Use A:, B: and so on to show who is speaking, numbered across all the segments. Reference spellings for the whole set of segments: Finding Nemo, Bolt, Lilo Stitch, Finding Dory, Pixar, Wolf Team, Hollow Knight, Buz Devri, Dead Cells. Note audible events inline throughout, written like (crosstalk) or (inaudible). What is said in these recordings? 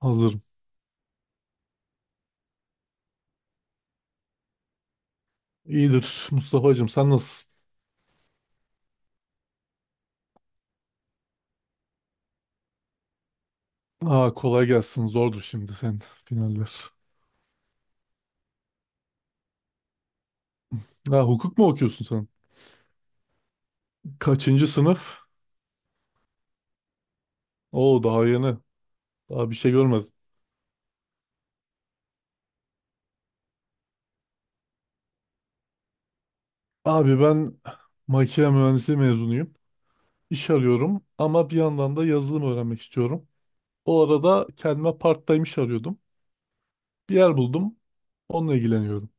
A: Hazırım. İyidir Mustafa'cığım, sen nasılsın? Aa, kolay gelsin, zordur şimdi senin finaller. Ha, hukuk mu okuyorsun sen? Kaçıncı sınıf? Oo, daha yeni. Daha bir şey görmedim. Abi, ben makine mühendisliği mezunuyum. İş arıyorum ama bir yandan da yazılım öğrenmek istiyorum. O arada kendime part-time iş arıyordum. Bir yer buldum. Onunla ilgileniyorum.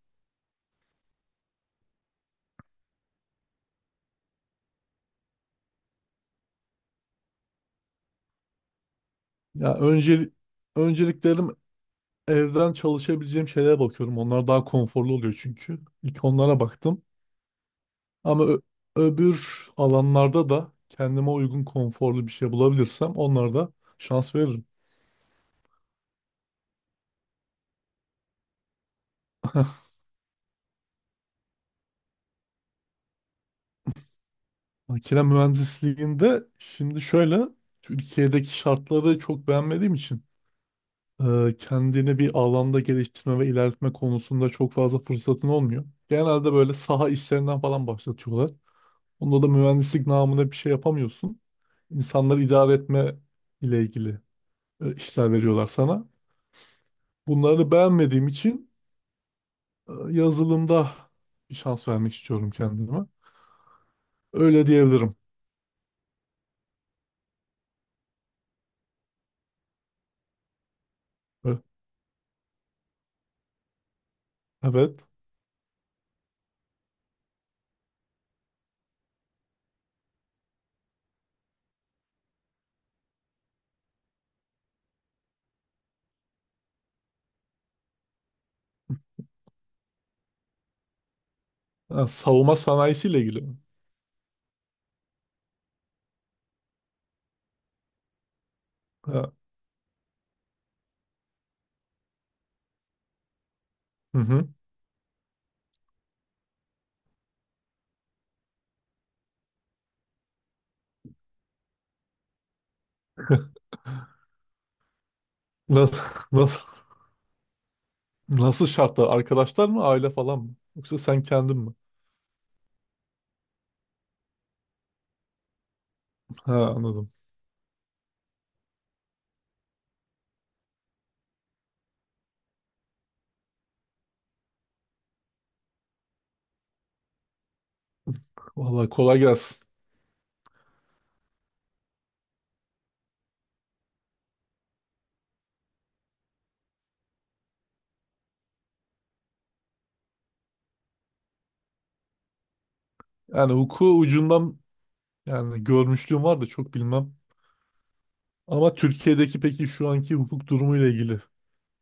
A: Ya önceliklerim evden çalışabileceğim şeylere bakıyorum. Onlar daha konforlu oluyor çünkü. İlk onlara baktım. Ama öbür alanlarda da kendime uygun konforlu bir şey bulabilirsem onlara da şans veririm. (laughs) Makine mühendisliğinde şimdi şöyle, Türkiye'deki şartları çok beğenmediğim için kendini bir alanda geliştirme ve ilerletme konusunda çok fazla fırsatın olmuyor. Genelde böyle saha işlerinden falan başlatıyorlar. Onda da mühendislik namına bir şey yapamıyorsun. İnsanları idare etme ile ilgili işler veriyorlar sana. Bunları beğenmediğim için yazılımda bir şans vermek istiyorum kendime. Öyle diyebilirim. E, Evet. Ha, savunma sanayisiyle ilgili mi? Ha. Hı hı. (laughs) Na- Nasıl, nasıl şartlar? Arkadaşlar mı, aile falan mı? Yoksa sen kendin mi? Ha, anladım. Vallahi kolay gelsin. Yani hukuku ucundan yani görmüşlüğüm var da çok bilmem. Ama Türkiye'deki peki şu anki hukuk durumuyla ilgili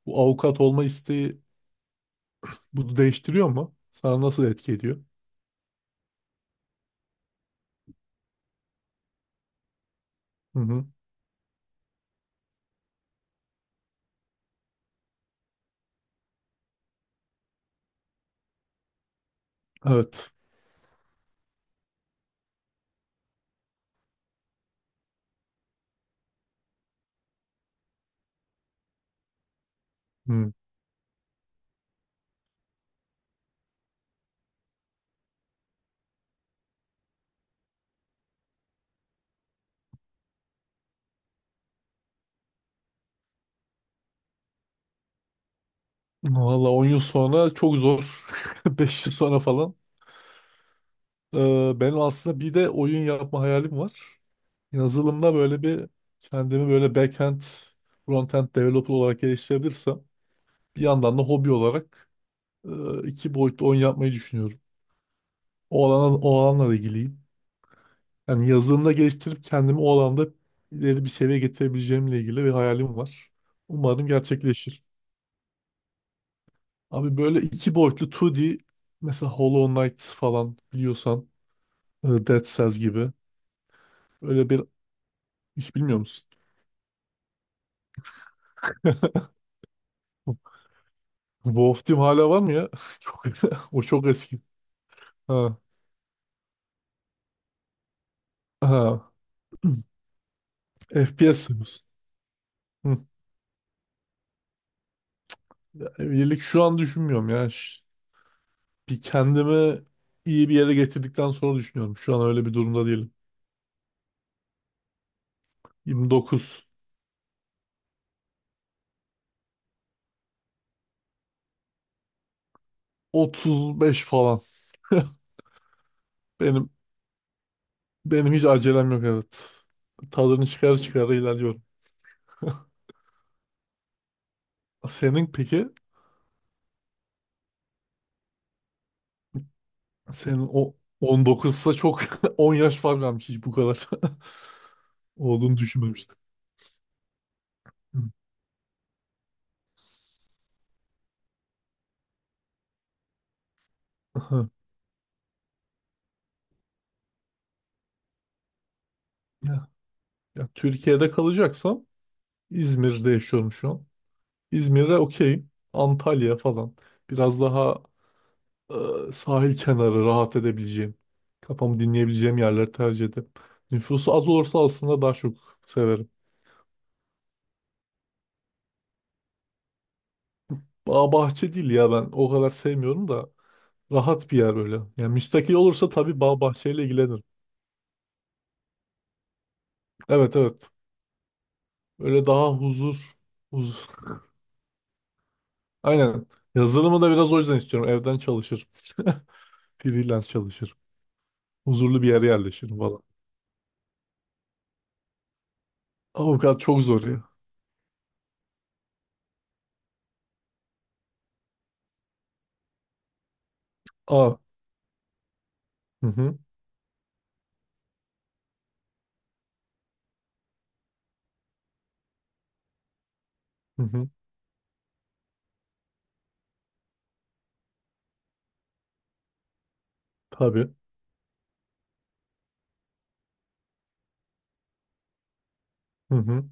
A: bu avukat olma isteği bunu değiştiriyor mu? Sana nasıl etki ediyor? Hı hı. Evet. Hı. Valla 10 yıl sonra çok zor. (laughs) 5 yıl sonra falan. Benim aslında bir de oyun yapma hayalim var. Yazılımda böyle bir kendimi böyle backend, frontend developer olarak geliştirebilirsem bir yandan da hobi olarak iki boyutlu oyun yapmayı düşünüyorum. O alana, o alanla ilgiliyim. Yani yazılımda geliştirip kendimi o alanda ileri bir seviyeye getirebileceğimle ilgili bir hayalim var. Umarım gerçekleşir. Abi böyle iki boyutlu 2D, mesela Hollow Knight falan biliyorsan, Dead Cells gibi. Öyle bir, hiç bilmiyor musun? (laughs) Wolf Team hala var mı ya? (laughs) Çok, (laughs) o çok eski. Ha. Ha. FPS seviyorsun. Hı. Ya, evlilik şu an düşünmüyorum ya. Bir kendimi iyi bir yere getirdikten sonra düşünüyorum. Şu an öyle bir durumda değilim. 29, 35 falan. (laughs) Benim benim hiç acelem yok, evet. Tadını çıkar çıkar ilerliyorum. Senin peki? Senin o 19'sa çok (laughs) 10 yaş fark varmış, hiç bu kadar. (laughs) Oğlunu düşünmemiştim. Hı. Aha. Ya, ya, Türkiye'de kalacaksam İzmir'de yaşıyorum şu an. İzmir'e okey. Antalya falan. Biraz daha sahil kenarı rahat edebileceğim. Kafamı dinleyebileceğim yerleri tercih ederim. Nüfusu az olursa aslında daha çok severim. Bağ bahçe değil ya, ben o kadar sevmiyorum da rahat bir yer böyle. Yani müstakil olursa tabii bağ bahçeyle ilgilenirim. Evet, evet. Öyle daha huzur huzur. (laughs) Aynen. Yazılımı da biraz o yüzden istiyorum. Evden çalışırım. (laughs) Freelance çalışırım. Huzurlu bir yere yerleşirim falan. Avukat çok zor ya. Aa. Hı hı. Hı hı. Tabii. Hı hı.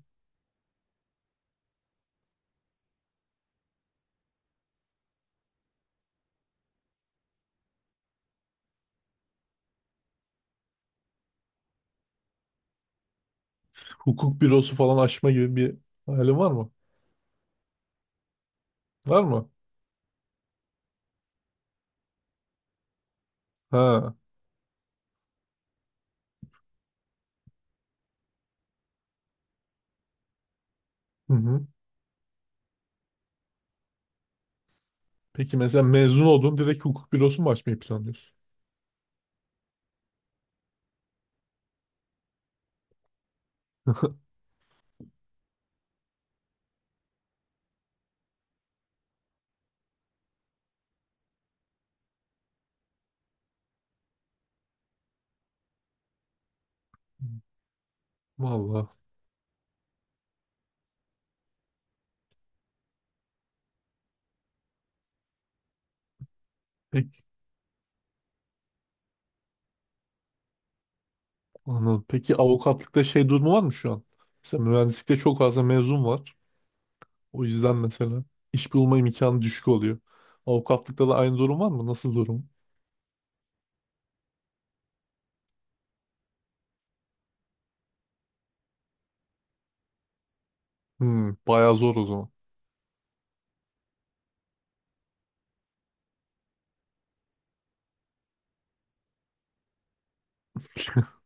A: Hukuk bürosu falan açma gibi bir hayalin var mı? Var mı? Ha. Hı hı. Peki mesela mezun oldun, direkt hukuk bürosu mu açmayı planlıyorsun? (laughs) Vallahi. Peki, anladım. Peki avukatlıkta şey durumu var mı şu an? Mesela mühendislikte çok fazla mezun var. O yüzden mesela iş bulma imkanı düşük oluyor. Avukatlıkta da aynı durum var mı? Nasıl durum? Hmm, bayağı zor o zaman. (laughs)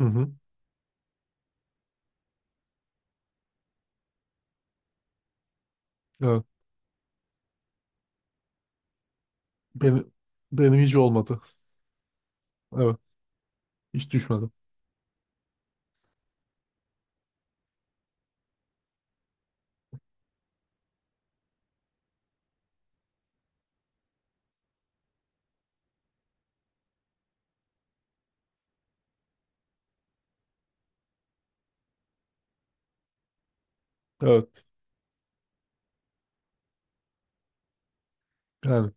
A: Hı hı. Evet. Benim, benim hiç olmadı. Evet. Hiç düşmedim. Evet. Yani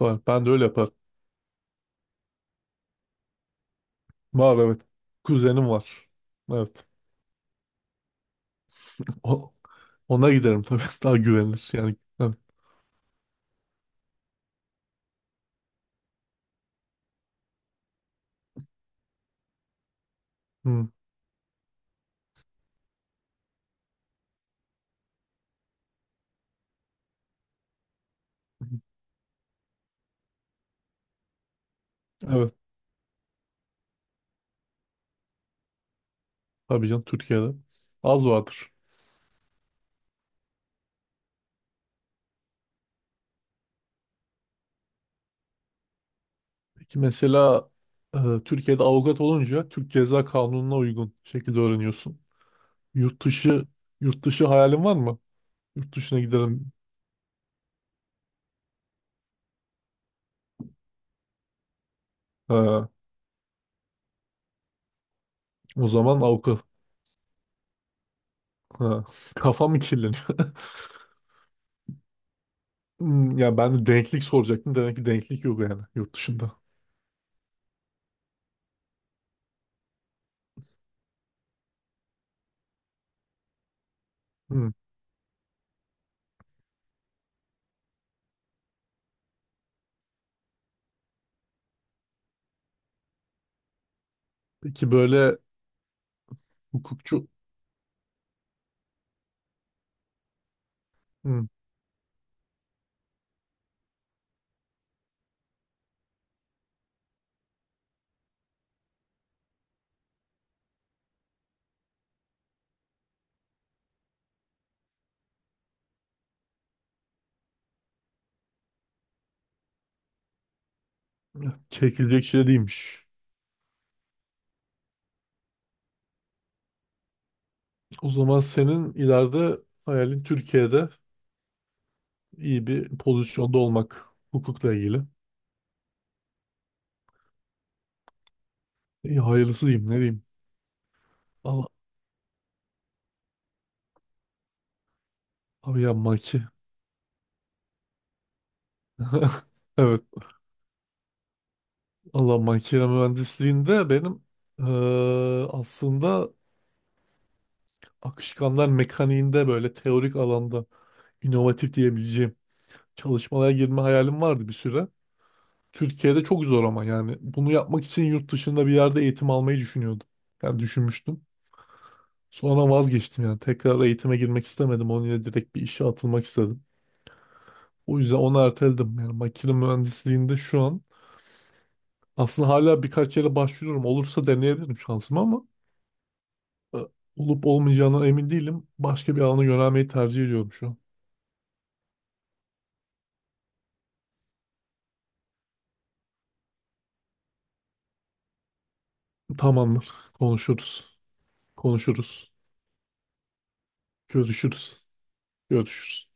A: var. Ben de öyle yaparım. Var, evet. Kuzenim var. Evet. O, ona giderim tabii. (laughs) Daha güvenilir yani. Evet. Hı. Evet. Tabii canım Türkiye'de. Az vardır. Peki mesela e, Türkiye'de avukat olunca Türk Ceza Kanunu'na uygun şekilde öğreniyorsun. Yurt dışı yurt dışı hayalin var mı? Yurt dışına gidelim. Ha, o zaman avukat. Ha, (laughs) kafam mı kirleniyor? (laughs) Hmm, ya ben de denklik soracaktım. Demek ki denklik yok yani yurt dışında. Hmm. Peki böyle hukukçu hmm. Çekilecek şey değilmiş. O zaman senin ileride hayalin Türkiye'de iyi bir pozisyonda olmak. Hukukla ilgili. İyi, hayırlısı diyeyim ne diyeyim. Allah, abi ya (laughs) Evet. Allah makine mühendisliğinde benim aslında akışkanlar mekaniğinde böyle teorik alanda inovatif diyebileceğim çalışmalara girme hayalim vardı bir süre. Türkiye'de çok zor ama yani bunu yapmak için yurt dışında bir yerde eğitim almayı düşünüyordum. Yani düşünmüştüm. Sonra vazgeçtim yani tekrar eğitime girmek istemedim. Onun yerine direkt bir işe atılmak istedim. O yüzden onu erteledim. Yani makine mühendisliğinde şu an aslında hala birkaç yere başvuruyorum. Olursa deneyebilirim şansımı ama e, olup olmayacağına emin değilim. Başka bir alana yönelmeyi tercih ediyorum şu an. Tamamdır. Konuşuruz. Konuşuruz. Görüşürüz. Görüşürüz.